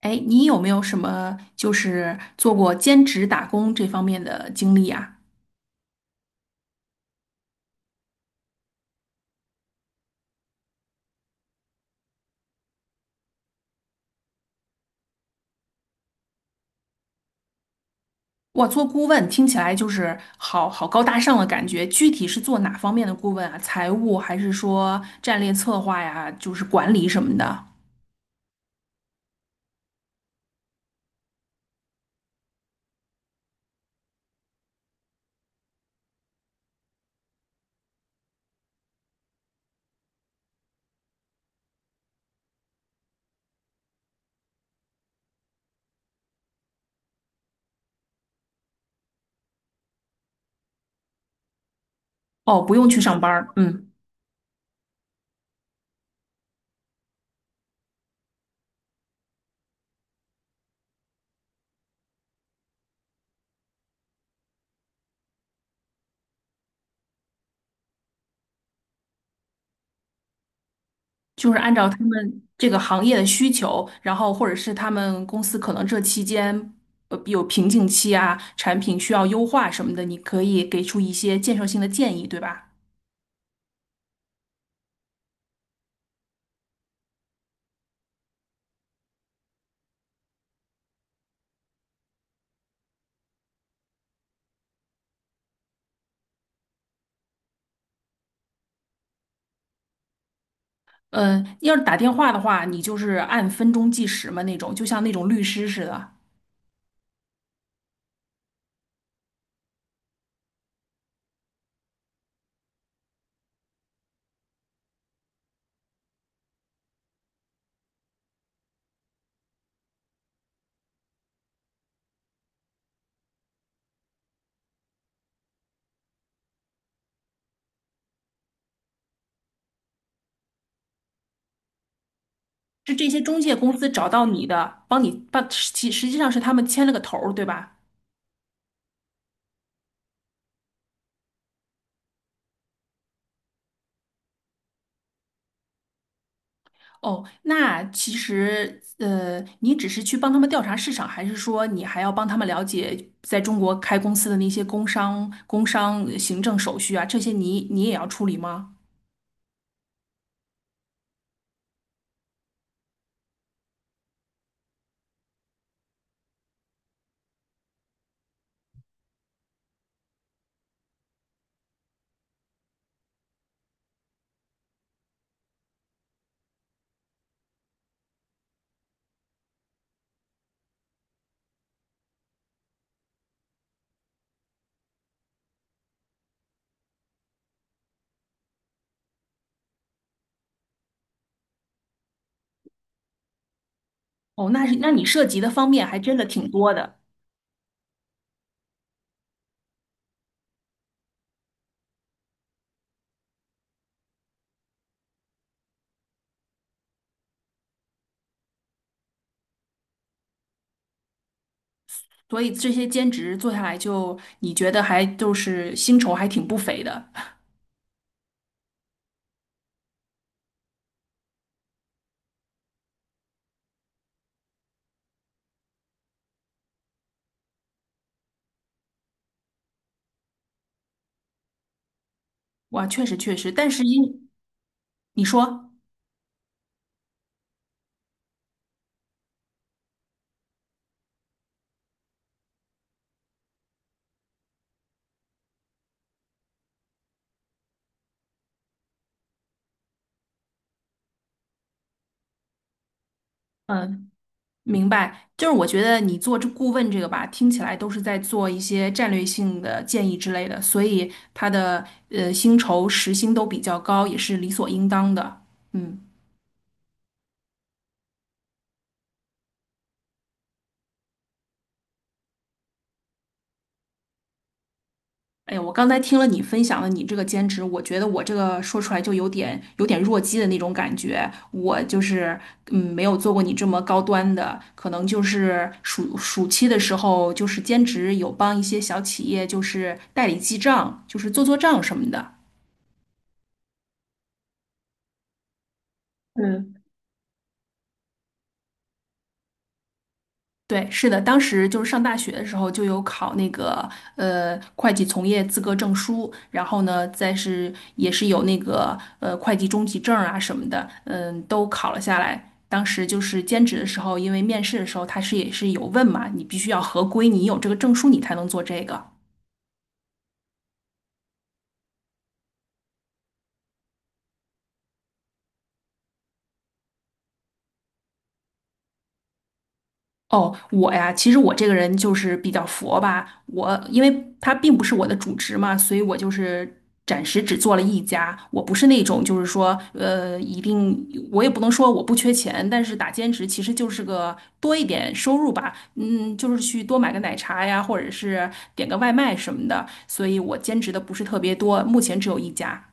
哎，你有没有什么就是做过兼职打工这方面的经历啊？哇，做顾问听起来就是好好高大上的感觉，具体是做哪方面的顾问啊？财务还是说战略策划呀？就是管理什么的？哦，不用去上班儿，嗯，就是按照他们这个行业的需求，然后或者是他们公司可能这期间有瓶颈期啊，产品需要优化什么的，你可以给出一些建设性的建议，对吧？要是打电话的话，你就是按分钟计时嘛，那种就像那种律师似的，是这些中介公司找到你的，帮你把其实际上是他们牵了个头儿，对吧？哦，那其实你只是去帮他们调查市场，还是说你还要帮他们了解在中国开公司的那些工商、工商行政手续啊，这些你也要处理吗？哦，那是那你涉及的方面还真的挺多的。所以这些兼职做下来就，你觉得还就是薪酬还挺不菲的。哇，确实确实，但是因你说，嗯，明白，就是我觉得你做这顾问这个吧，听起来都是在做一些战略性的建议之类的，所以他的薪酬时薪都比较高，也是理所应当的。嗯。哎呀，我刚才听了你分享了你这个兼职，我觉得我这个说出来就有点弱鸡的那种感觉。我就是嗯，没有做过你这么高端的，可能就是暑期的时候，就是兼职有帮一些小企业，就是代理记账，就是做做账什么的。嗯。对，是的，当时就是上大学的时候就有考那个会计从业资格证书，然后呢，再是也是有那个会计中级证啊什么的，嗯，都考了下来。当时就是兼职的时候，因为面试的时候他是也是有问嘛，你必须要合规，你有这个证书你才能做这个。哦，我呀，其实我这个人就是比较佛吧。我因为它并不是我的主职嘛，所以我就是暂时只做了一家。我不是那种就是说，一定我也不能说我不缺钱，但是打兼职其实就是个多一点收入吧。嗯，就是去多买个奶茶呀，或者是点个外卖什么的。所以我兼职的不是特别多，目前只有一家。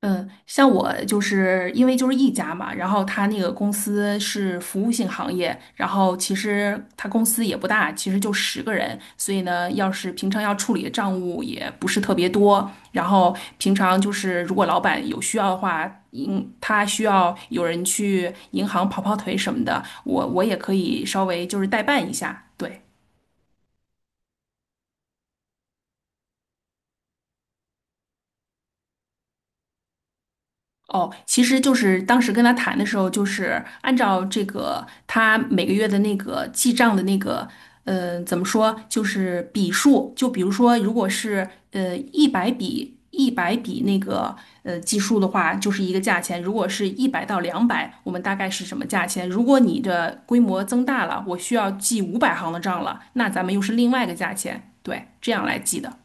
嗯，像我就是因为就是一家嘛，然后他那个公司是服务性行业，然后其实他公司也不大，其实就10个人，所以呢，要是平常要处理的账务也不是特别多，然后平常就是如果老板有需要的话，嗯，他需要有人去银行跑跑腿什么的，我也可以稍微就是代办一下，对。哦，其实就是当时跟他谈的时候，就是按照这个他每个月的那个记账的那个，呃，怎么说，就是笔数，就比如说，如果是一百笔那个计数的话，就是一个价钱；如果是100到200，我们大概是什么价钱？如果你的规模增大了，我需要记500行的账了，那咱们又是另外一个价钱，对，这样来记的。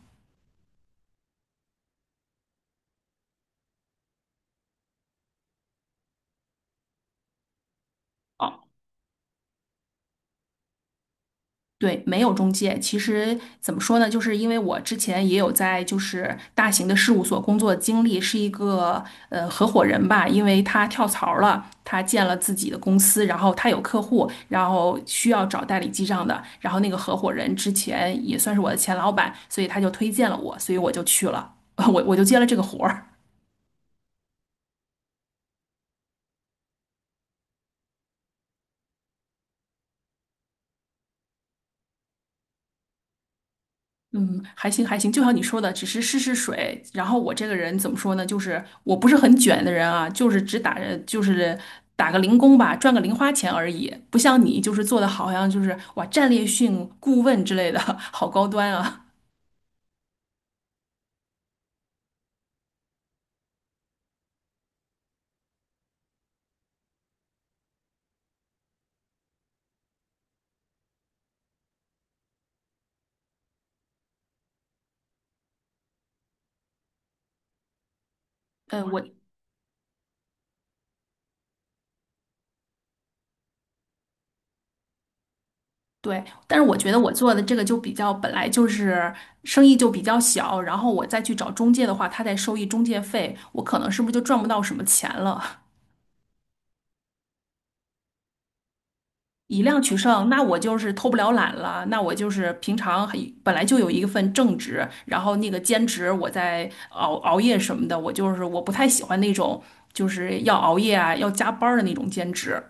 对，没有中介。其实怎么说呢，就是因为我之前也有在就是大型的事务所工作的经历，是一个合伙人吧，因为他跳槽了，他建了自己的公司，然后他有客户，然后需要找代理记账的，然后那个合伙人之前也算是我的前老板，所以他就推荐了我，所以我就去了，我就接了这个活儿。嗯，还行还行，就像你说的，只是试试水。然后我这个人怎么说呢？就是我不是很卷的人啊，就是只打着就是打个零工吧，赚个零花钱而已。不像你，就是做的好像就是哇，战略性顾问之类的，好高端啊。呃，我对，但是我觉得我做的这个就比较本来就是生意就比较小，然后我再去找中介的话，他再收一中介费，我可能是不是就赚不到什么钱了？以量取胜，那我就是偷不了懒了，那我就是平常很本来就有一份正职，然后那个兼职我在熬夜什么的，我就是我不太喜欢那种就是要熬夜啊要加班儿的那种兼职。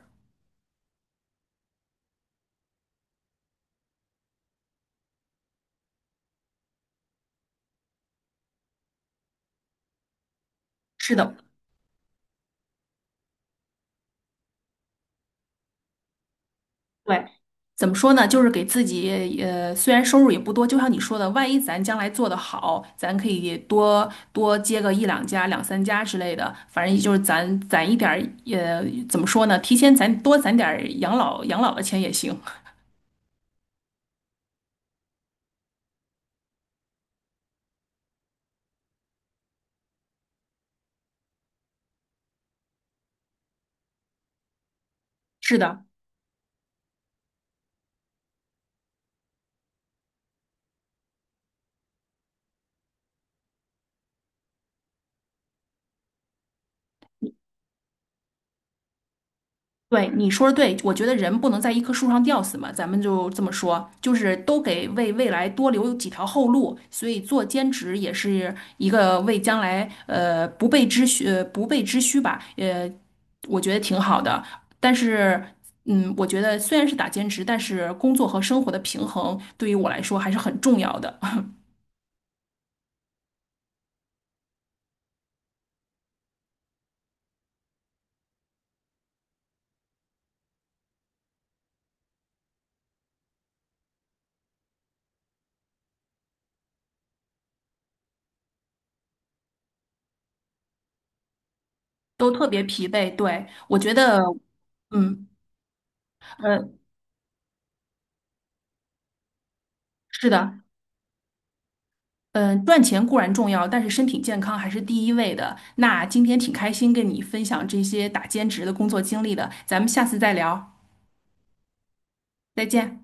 是的，对。怎么说呢？就是给自己，呃，虽然收入也不多，就像你说的，万一咱将来做得好，咱可以多多接个一两家、两三家之类的。反正就是咱攒一点儿，呃，怎么说呢？提前攒点儿养老养老的钱也行。是的，对你说的对，我觉得人不能在一棵树上吊死嘛，咱们就这么说，就是都给为未来多留几条后路，所以做兼职也是一个为将来不备之需吧，我觉得挺好的。但是，嗯，我觉得虽然是打兼职，但是工作和生活的平衡对于我来说还是很重要的，都特别疲惫。对，我觉得，嗯，呃，是的。嗯，赚钱固然重要，但是身体健康还是第一位的。那今天挺开心跟你分享这些打兼职的工作经历的，咱们下次再聊，再见。